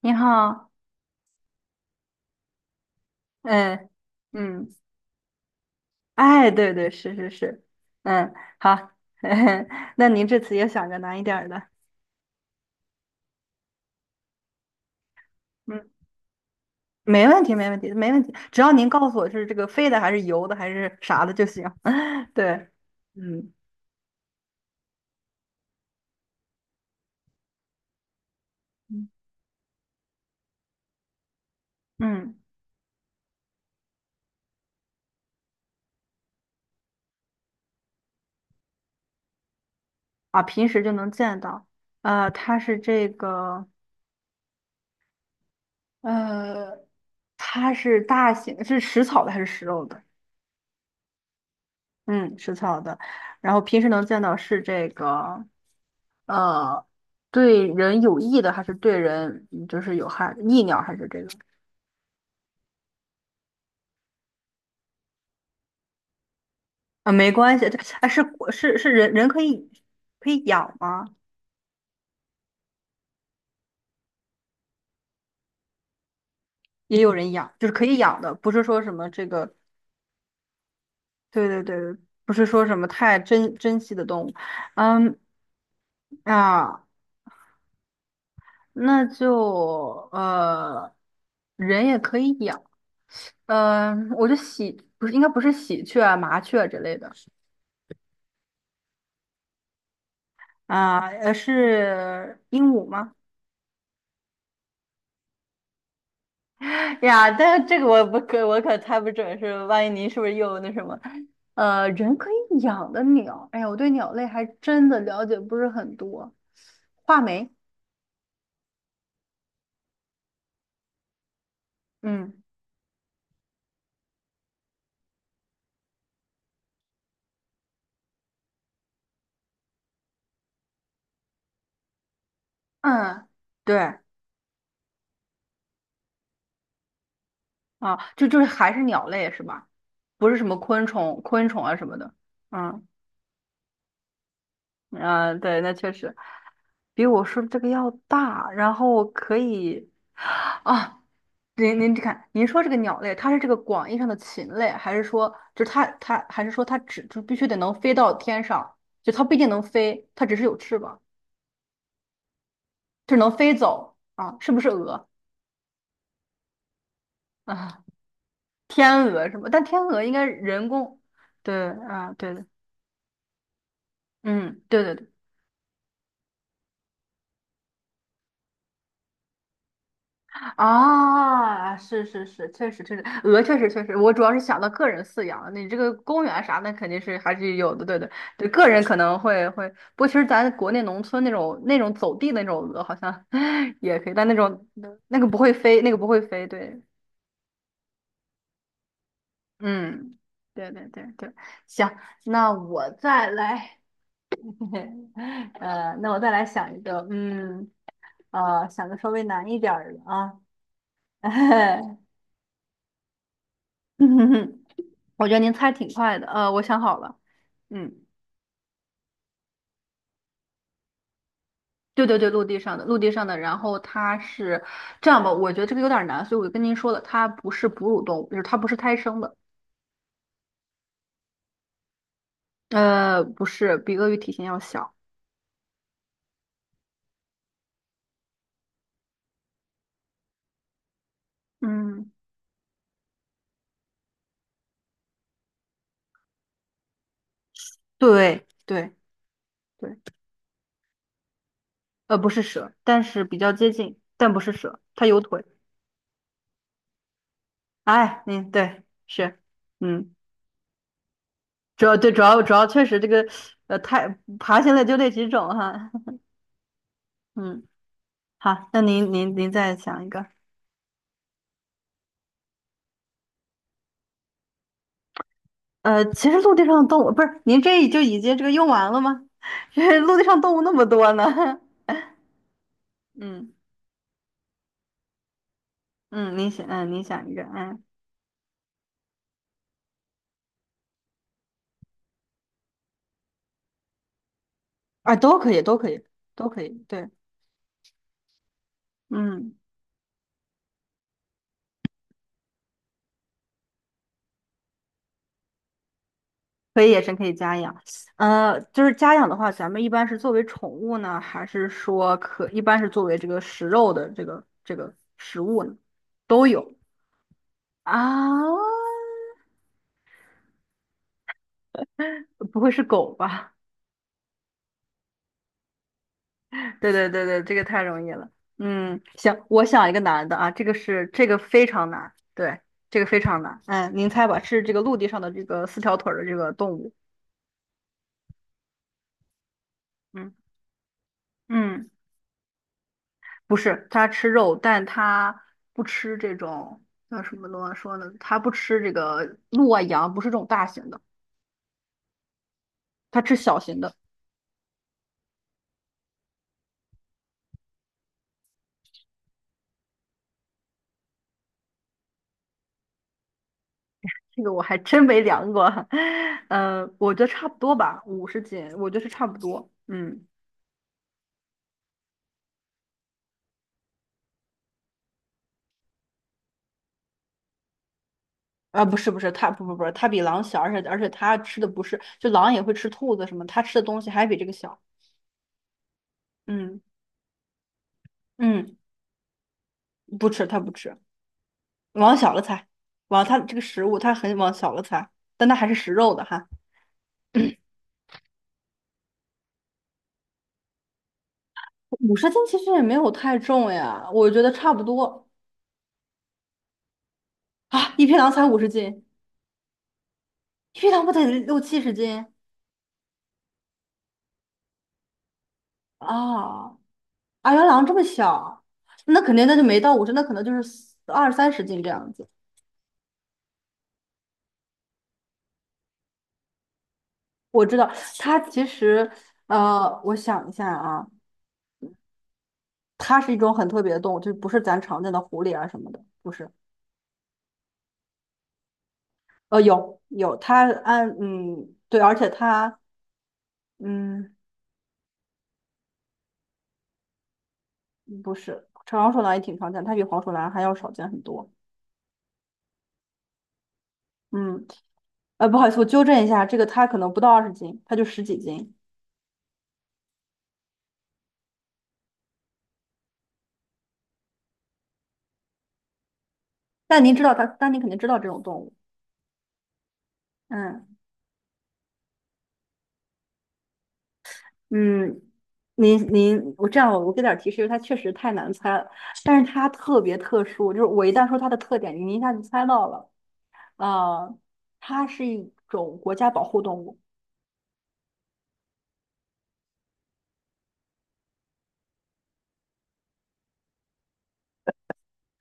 你好。嗯嗯，哎，对对，是是是。嗯，好。那您这次也想个难一点儿的。嗯，没问题，没问题，没问题，只要您告诉我是这个飞的还是游的还是啥的就行。对。嗯嗯嗯。啊，平时就能见到，它是这个，呃，它是大型，是食草的还是食肉的？嗯，食草的，然后平时能见到是这个。呃，对人有益的还是对人就是有害，益鸟还是这个？啊，没关系，这哎是是人可以养吗？也有人养，就是可以养的，不是说什么这个。对对对，不是说什么太珍惜的动物。嗯啊，那就呃，人也可以养。嗯、我就喜不是应该不是喜鹊啊麻雀之类的。啊，是鹦鹉吗？呀，但是这个我可猜不准是，万一您是不是又那什么？人可以养的鸟，哎呀，我对鸟类还真的了解不是很多。画眉。嗯嗯。对啊，就是还是鸟类是吧？不是什么昆虫、昆虫啊什么的。嗯嗯，对，那确实比我说的这个要大，然后可以啊。您看，您说这个鸟类，它是这个广义上的禽类，还是说就是它还是说它只就必须得能飞到天上，就它不一定能飞，它只是有翅膀，就是能飞走啊？是不是鹅 啊？天鹅什么？但天鹅应该人工，对啊，对的。嗯，对对对。啊，是是是，确实确实，鹅确实确实，我主要是想到个人饲养，你这个公园啥的肯定是还是有的。对对对，个人可能会会，不过其实咱国内农村那种走地那种鹅好像 也可以，但那种那个不会飞，那个不会飞，对。嗯，对对对对。行，那我再来。那我再来想一个。嗯，想个稍微难一点儿的啊。嗯哼哼。我觉得您猜挺快的，我想好了。嗯，对对对，陆地上的，陆地上的，然后它是这样吧，我觉得这个有点难，所以我就跟您说了，它不是哺乳动物，就是它不是胎生的。不是，比鳄鱼体型要小。嗯，对对对。不是蛇，但是比较接近，但不是蛇，它有腿。哎，您对是。嗯，主要对主要确实这个，呃，太爬行类就那几种哈。嗯，好，那您再想一个。其实陆地上的动物不是您这就已经这个用完了吗？这陆地上动物那么多呢。嗯嗯，您想嗯，您想一个嗯啊，都可以，都可以，都可以。对。嗯，可以野生可以家养。就是家养的话，咱们一般是作为宠物呢，还是说可一般是作为这个食肉的这个这个食物呢？都有啊，不会是狗吧？对对对对，这个太容易了。嗯，行，我想一个难的啊，这个是这个非常难，对，这个非常难。嗯，您猜吧，是这个陆地上的这个四条腿儿的这个动物。嗯嗯，不是，它吃肉，但它不吃这种叫什么东西说呢？它不吃这个鹿啊羊，不是这种大型的，它吃小型的。这个我还真没量过，我觉得差不多吧，五十斤，我觉得是差不多。嗯。啊，不是不是，它不不不，它比狼小，而且它吃的不是，就狼也会吃兔子什么，它吃的东西还比这个小。嗯嗯，不吃它不吃，往小了猜，往它这个食物它很往小了猜，但它还是食肉的哈。五十斤其实也没有太重呀，我觉得差不多啊。一匹狼才五十斤，一匹狼不得六七十斤啊？啊，原来狼这么小，那肯定那就没到五十，那可能就是二三十斤这样子。我知道它其实，我想一下啊，它是一种很特别的动物，就不是咱常见的狐狸啊什么的，不是。有有，它按嗯对，而且它嗯不是长鼠狼也挺常见，它比黄鼠狼还要少见很多。嗯，不好意思，我纠正一下，这个它可能不到二十斤，它就十几斤。但您知道它，但您肯定知道这种动物。嗯。嗯，您您，我这样我给点儿提示，因为它确实太难猜了，但是它特别特殊，就是我一旦说它的特点，您一下就猜到了。啊，它是一种国家保护动物。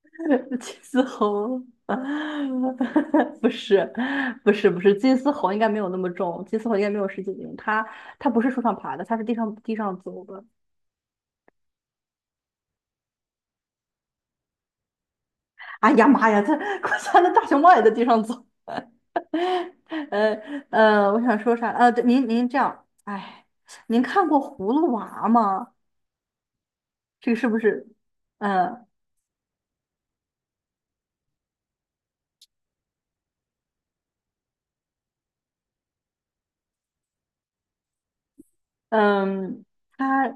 金丝猴。不是，不是，不是，金丝猴应该没有那么重，金丝猴应该没有十几斤，它不是树上爬的，它是地上地上走的。哎呀妈呀，他我家那大熊猫也在地上走。呃呃，我想说啥？对您您这样，哎，您看过《葫芦娃》吗？这个是不是？嗯、嗯，它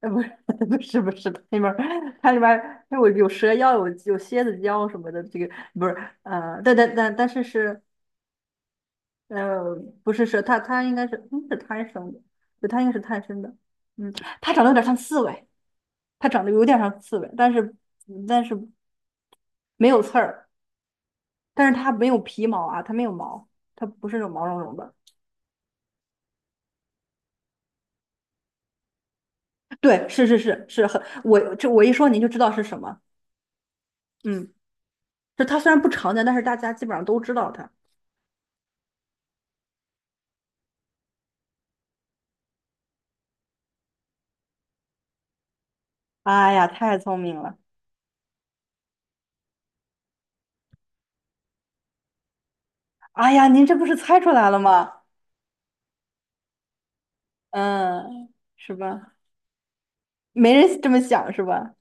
不是 不是不是，它里面儿它里面儿有有蛇妖，有有蝎子妖什么的，这个不是但但但但是是呃不是蛇，它它应该是是贪生的，对，它应该是贪生的。嗯，它长得有点像刺猬。它长得有点像刺猬，但是但是没有刺儿，但是它没有皮毛啊，它没有毛，它不是那种毛茸茸的。对，是很，我这我一说您就知道是什么。嗯，就它虽然不常见，但是大家基本上都知道它。哎呀，太聪明了！哎呀，您这不是猜出来了吗？嗯，是吧？没人这么想是吧？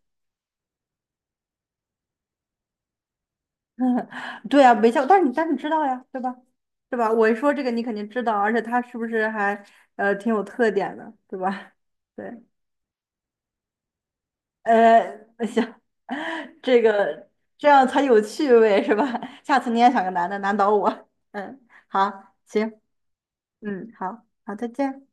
对啊，没想，但是你知道呀，对吧？对吧？我一说这个，你肯定知道，而且它是不是还挺有特点的，对吧？对。呃，行，这个这样才有趣味是吧？下次你也想个男的难倒我。嗯，好，行，嗯，好，好，再见。